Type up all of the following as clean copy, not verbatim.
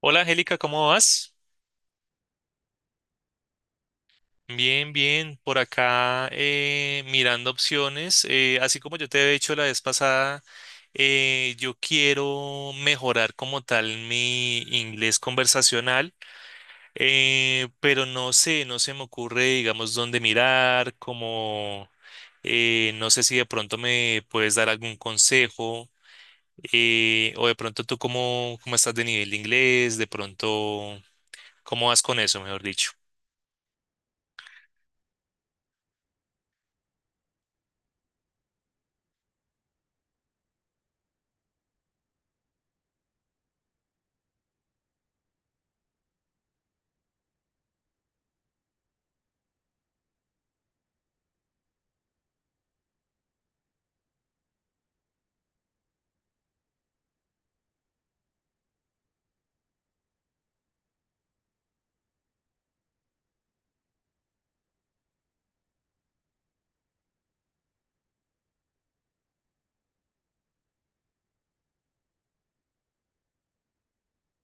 Hola Angélica, ¿cómo vas? Bien, bien, por acá mirando opciones. Así como yo te he dicho la vez pasada, yo quiero mejorar como tal mi inglés conversacional, pero no sé, no se me ocurre, digamos, dónde mirar, como no sé si de pronto me puedes dar algún consejo, o de pronto tú cómo, cómo estás de nivel de inglés, de pronto, ¿cómo vas con eso, mejor dicho?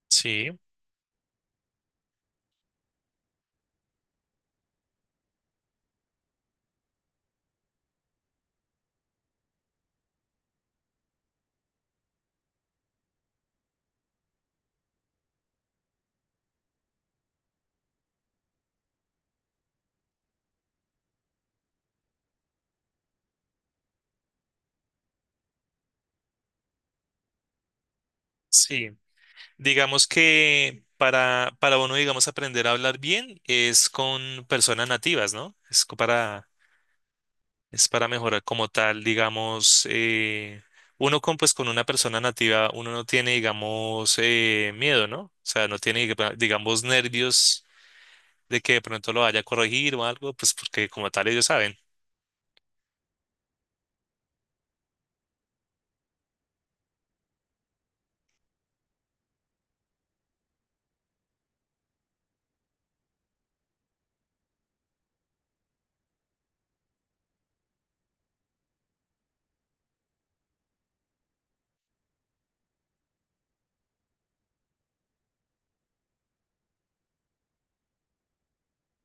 Sí, sí. Digamos que para uno, digamos, aprender a hablar bien es con personas nativas, ¿no? Es co- para, es para mejorar como tal, digamos, uno con, pues, con una persona nativa, uno no tiene, digamos, miedo, ¿no? O sea, no tiene, diga- digamos, nervios de que de pronto lo vaya a corregir o algo, pues porque como tal ellos saben.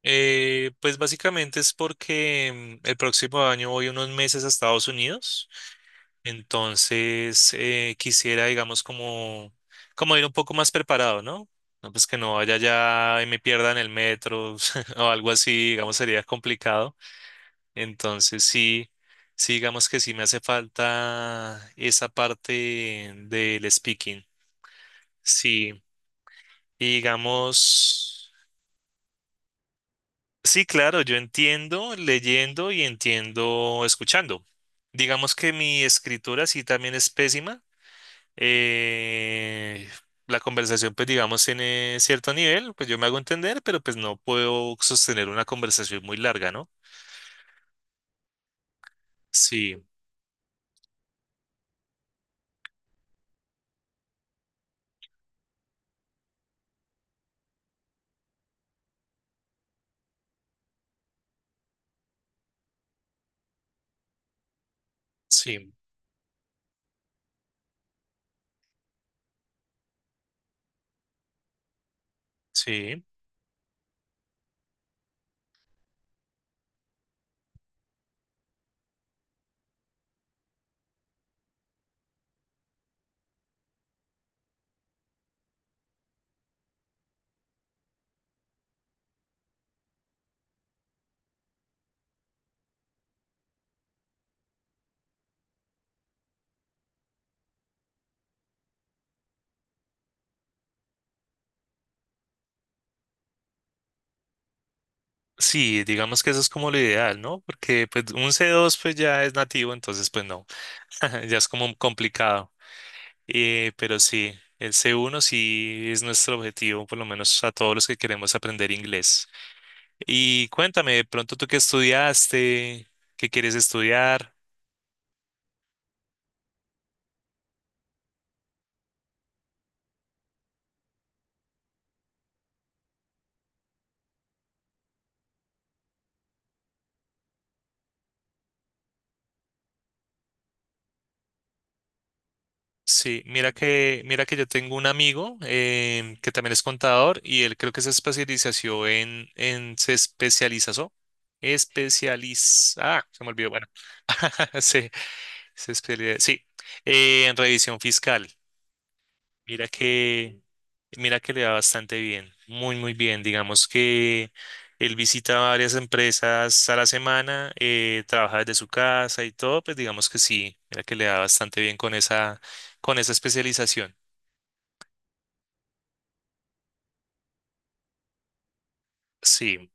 Pues básicamente es porque el próximo año voy unos meses a Estados Unidos. Entonces, quisiera, digamos, como, como ir un poco más preparado, ¿no? No, pues que no vaya ya y me pierda en el metro o algo así, digamos, sería complicado. Entonces, sí, sí, digamos que sí me hace falta esa parte del speaking. Sí, y digamos, sí, claro, yo entiendo leyendo y entiendo escuchando. Digamos que mi escritura sí también es pésima. eh, la conversación, pues digamos, tiene cierto nivel, pues yo me hago entender, pero pues no puedo sostener una conversación muy larga, ¿no? Sí, sí, sí. Sí, digamos que eso es como lo ideal, ¿no? Porque pues un C2 pues ya es nativo, entonces pues no, ya es como complicado. Pero sí, el C1 sí es nuestro objetivo, por lo menos a todos los que queremos aprender inglés. Y cuéntame, de pronto tú qué estudiaste, qué quieres estudiar. Sí, mira que yo tengo un amigo que también es contador y él creo que se especializó en se especializó, especializa, ah, se me olvidó, bueno, se, se especializa, sí, en revisión fiscal. Mira que, mira que le va bastante bien, muy bien. Digamos que él visita varias empresas a la semana, trabaja desde su casa y todo, pues digamos que sí, mira que le da bastante bien con esa especialización. Sí,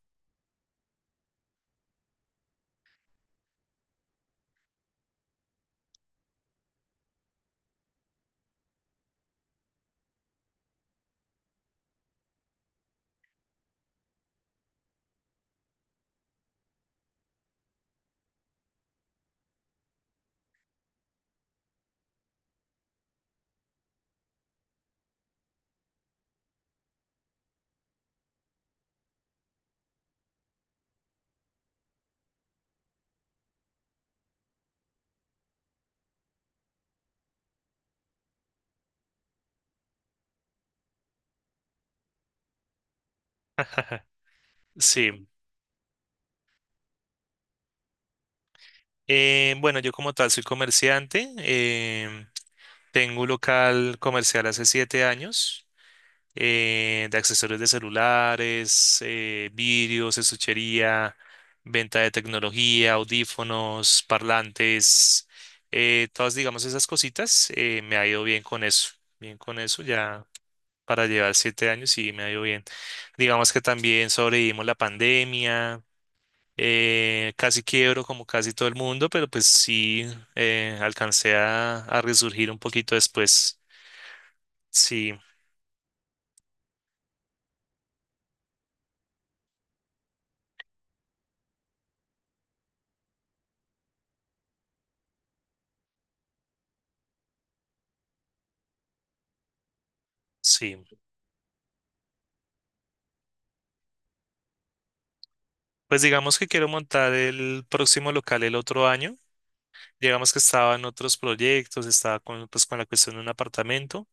sí. Bueno, yo como tal soy comerciante. Tengo un local comercial hace 7 años de accesorios de celulares, vidrios, estuchería, venta de tecnología, audífonos, parlantes, todas, digamos, esas cositas. Me ha ido bien con eso ya. Para llevar 7 años y me ha ido bien. Digamos que también sobrevivimos la pandemia. Casi quiebro como casi todo el mundo, pero pues sí alcancé a resurgir un poquito después. Sí, sí. Pues digamos que quiero montar el próximo local el otro año. Digamos que estaba en otros proyectos, estaba con, pues, con la cuestión de un apartamento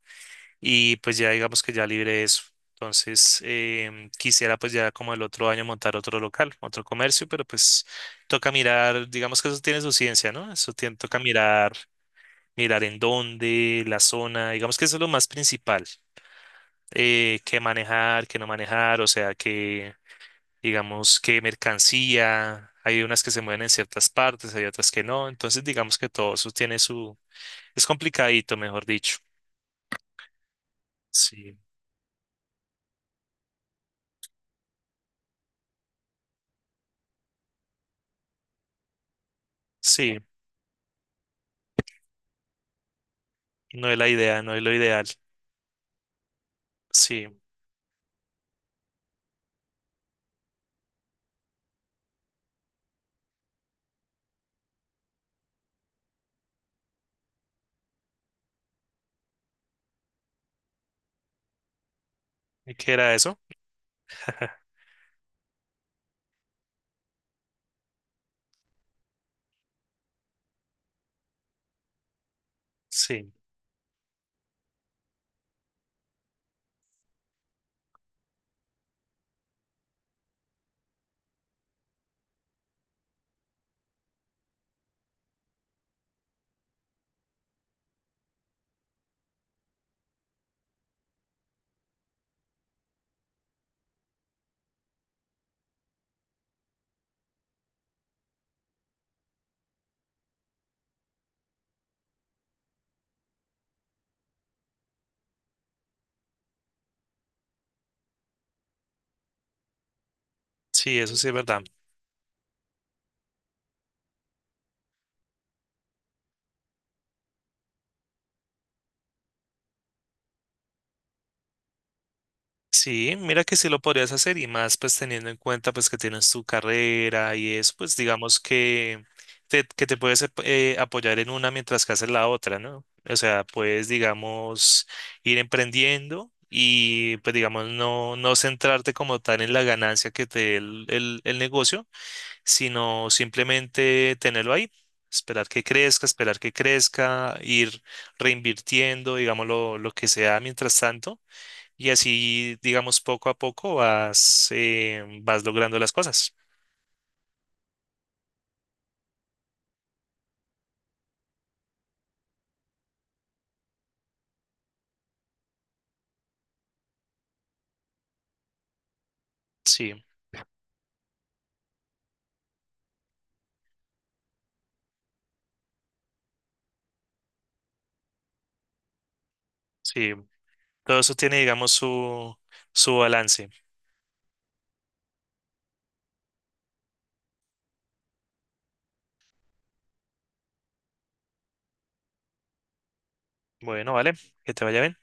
y pues ya digamos que ya libre eso. Entonces, quisiera pues ya como el otro año montar otro local, otro comercio, pero pues toca mirar, digamos que eso tiene su ciencia, ¿no? Eso tiene, toca mirar en dónde, la zona, digamos que eso es lo más principal, qué manejar, qué no manejar, o sea, que digamos, qué mercancía, hay unas que se mueven en ciertas partes, hay otras que no, entonces digamos que todo eso tiene su, es complicadito, mejor dicho. Sí, sí, no es la idea, no es lo ideal, sí, ¿y qué era eso? Sí, sí, eso sí es verdad. Sí, mira que sí lo podrías hacer y más pues teniendo en cuenta pues que tienes tu carrera y eso, pues digamos que te puedes ap- apoyar en una mientras que haces la otra, ¿no? O sea, puedes digamos ir emprendiendo y pues digamos no, no centrarte como tal en la ganancia que te dé el negocio, sino simplemente tenerlo ahí. Esperar que crezca, ir reinvirtiendo, digamos, lo que sea mientras tanto y así, digamos, poco a poco vas, vas logrando las cosas. Sí, sí. Todo eso tiene, digamos, su balance. Bueno, vale, que te vaya bien.